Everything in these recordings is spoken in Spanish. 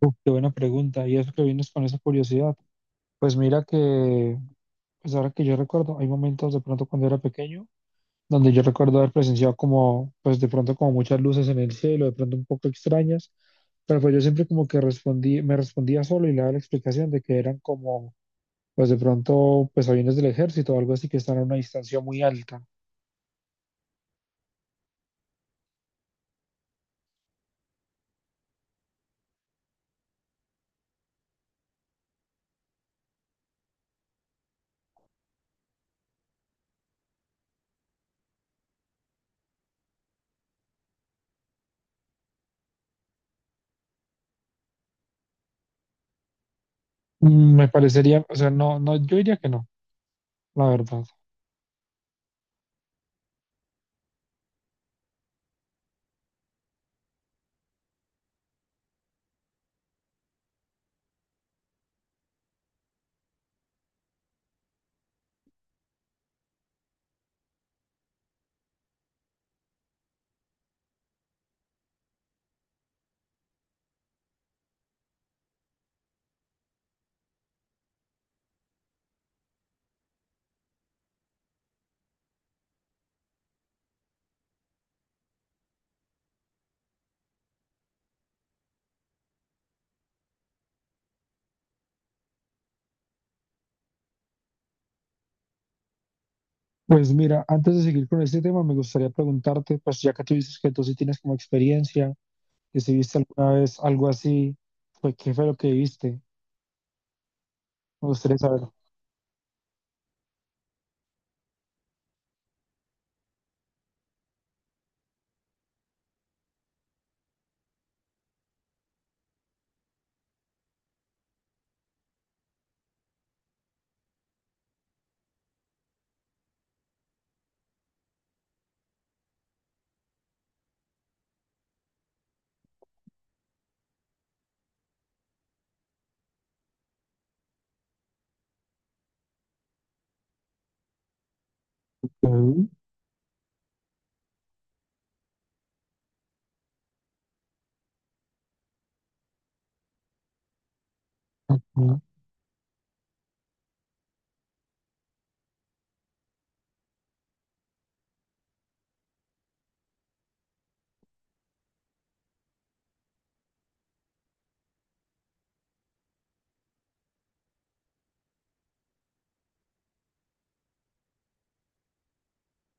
Uf, qué buena pregunta. Y eso que vienes con esa curiosidad. Pues mira que, pues ahora que yo recuerdo, hay momentos de pronto cuando era pequeño, donde yo recuerdo haber presenciado como, pues de pronto como muchas luces en el cielo, de pronto un poco extrañas, pero pues yo siempre como que respondí, me respondía solo y le daba la explicación de que eran como, pues de pronto, pues aviones del ejército o algo así que están a una distancia muy alta. Me parecería, o sea, no, yo diría que no, la verdad. Pues mira, antes de seguir con este tema, me gustaría preguntarte, pues ya que tú dices que tú sí tienes como experiencia, que si viste alguna vez algo así, pues qué fue lo que viste. Me gustaría saber. Ujú, ujú.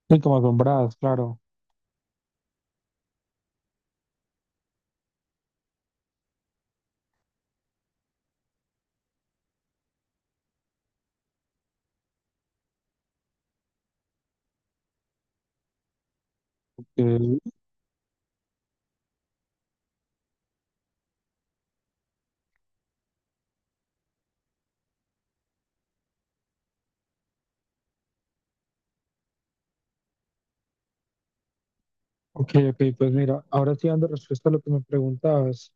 Sí, como asombradas, claro. Ujú. Ok, ok, pues mira, ahora sí dando respuesta a lo que me preguntabas.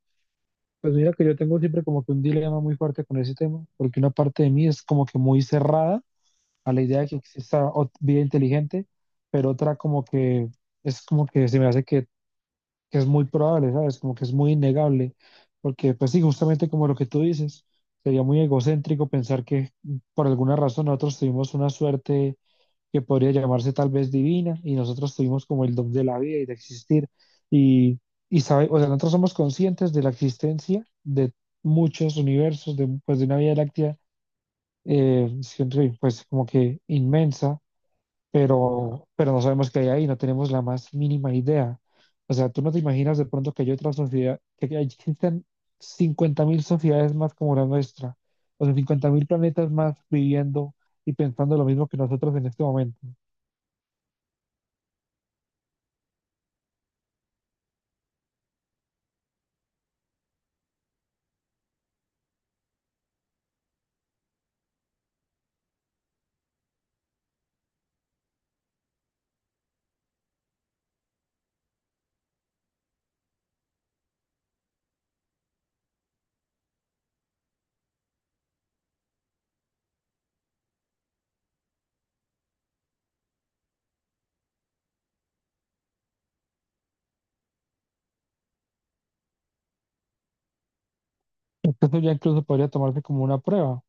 Pues mira que yo tengo siempre como que un dilema muy fuerte con ese tema, porque una parte de mí es como que muy cerrada a la idea de que exista vida inteligente, pero otra como que es como que se me hace que es muy probable, ¿sabes? Como que es muy innegable, porque pues sí, justamente como lo que tú dices, sería muy egocéntrico pensar que por alguna razón nosotros tuvimos una suerte que podría llamarse tal vez divina y nosotros tuvimos como el don de la vida y de existir y, y sabe, o sea, nosotros somos conscientes de la existencia de muchos universos, de, pues de una Vía Láctea, siempre, pues como que inmensa pero no sabemos qué hay ahí, no tenemos la más mínima idea. O sea, tú no te imaginas de pronto que hay otras sociedades que existen 50.000 sociedades más como la nuestra, o sea, 50.000 planetas más viviendo y pensando lo mismo que nosotros en este momento. Entonces ya incluso podría tomarse como una prueba.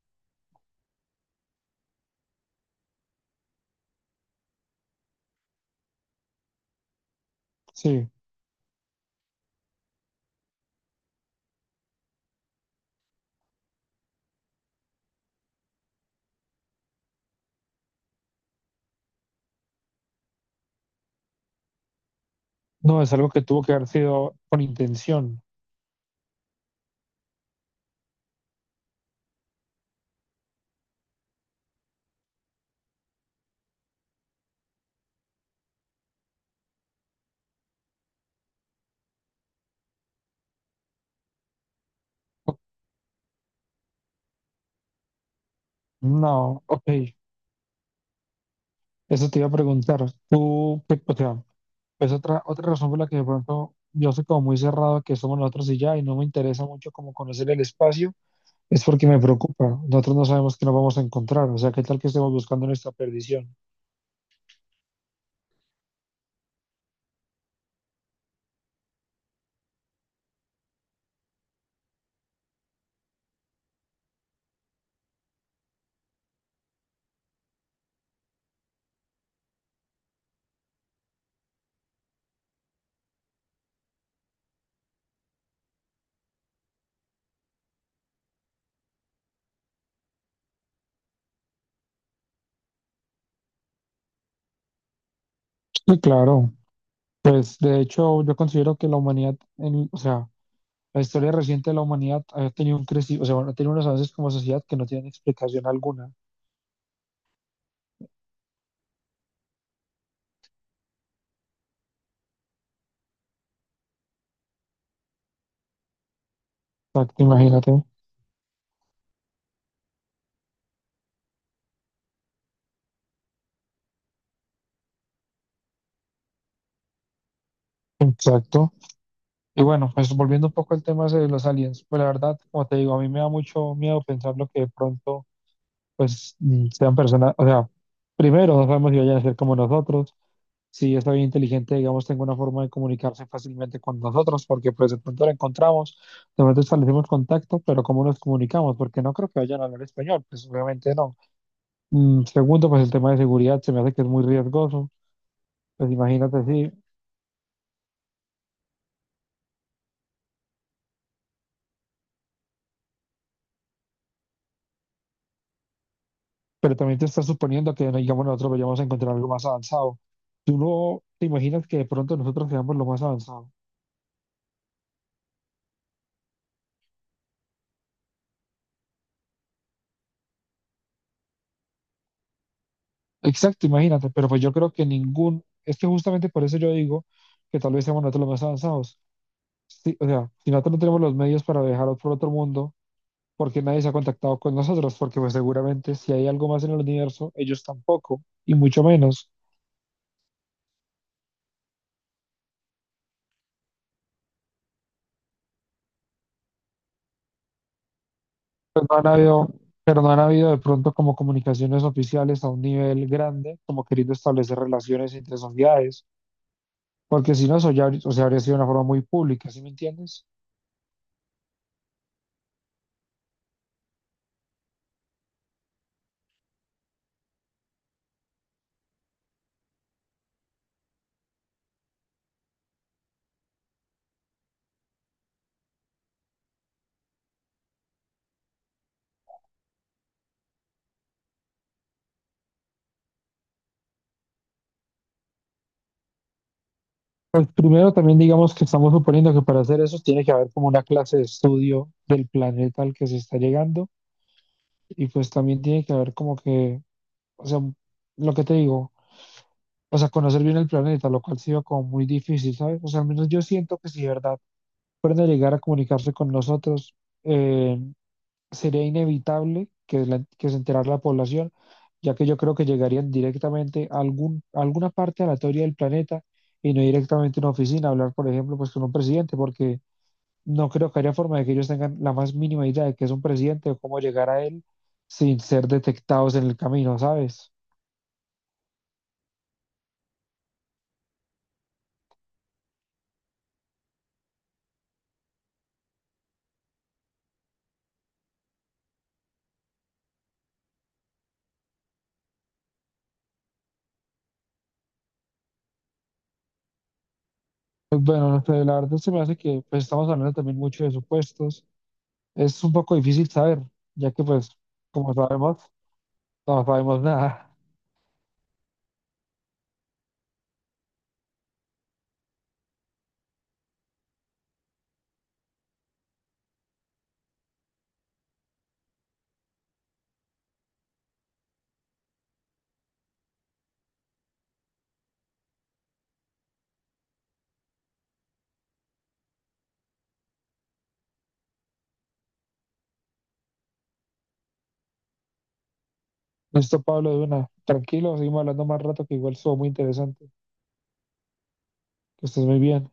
Sí, no, es algo que tuvo que haber sido con intención. No, ok, eso te iba a preguntar. Tú, qué- o sea, pues otra, otra razón por la que de pronto yo soy como muy cerrado a que somos nosotros y ya, y no me interesa mucho como conocer el espacio, es porque me preocupa. Nosotros no sabemos qué nos vamos a encontrar, o sea, qué tal que estemos buscando nuestra perdición. Sí, claro. Pues de hecho yo considero que la humanidad, en- o sea, la historia reciente de la humanidad ha tenido un crecimiento, o sea, bueno, ha tenido unos avances como sociedad que no tienen explicación alguna. Exacto, imagínate. Exacto. Y bueno, pues volviendo un poco al tema de los aliens, pues la verdad, como te digo, a mí me da mucho miedo pensar lo que de pronto pues sean personas, o sea, primero no sabemos si vayan a ser como nosotros, si es bien inteligente, digamos, tenga una forma de comunicarse fácilmente con nosotros, porque pues de pronto la encontramos, de pronto establecemos contacto, pero ¿cómo nos comunicamos? Porque no creo que vayan a hablar español, pues obviamente no. Segundo, pues el tema de seguridad se me hace que es muy riesgoso, pues imagínate, sí, pero también te estás suponiendo que, no, digamos, nosotros vayamos a encontrar algo más avanzado. ¿Tú no te imaginas que de pronto nosotros seamos lo más avanzado? Exacto, imagínate, pero pues yo creo que ningún, es que justamente por eso yo digo que tal vez seamos nosotros los más avanzados. Sí, o sea, si nosotros no tenemos los medios para viajar por otro mundo, porque nadie se ha contactado con nosotros, porque pues seguramente si hay algo más en el universo, ellos tampoco, y mucho menos. Pues no han habido, pero no han habido de pronto como comunicaciones oficiales a un nivel grande, como queriendo establecer relaciones entre sociedades, porque si no, eso ya, habría- o sea, habría sido una forma muy pública, ¿sí me entiendes? Primero, también digamos que estamos suponiendo que para hacer eso tiene que haber como una clase de estudio del planeta al que se está llegando y pues también tiene que haber como que, o sea, lo que te digo, o sea, conocer bien el planeta, lo cual ha sido como muy difícil, ¿sabes? O sea, al menos yo siento que si de verdad fueran a llegar a comunicarse con nosotros, eh, sería inevitable que, que se enterara la población, ya que yo creo que llegarían directamente a, algún, a alguna parte aleatoria del planeta y no directamente a una oficina, a hablar, por ejemplo, pues con un presidente, porque no creo que haya forma de que ellos tengan la más mínima idea de que es un presidente o cómo llegar a él sin ser detectados en el camino, ¿sabes? Pues bueno, no sé, la verdad se me hace que pues, estamos hablando también mucho de supuestos. Es un poco difícil saber, ya que pues, como sabemos, no sabemos nada. Listo, Pablo, de una. Tranquilo, seguimos hablando más rato, que igual estuvo muy interesante. Que estés muy bien.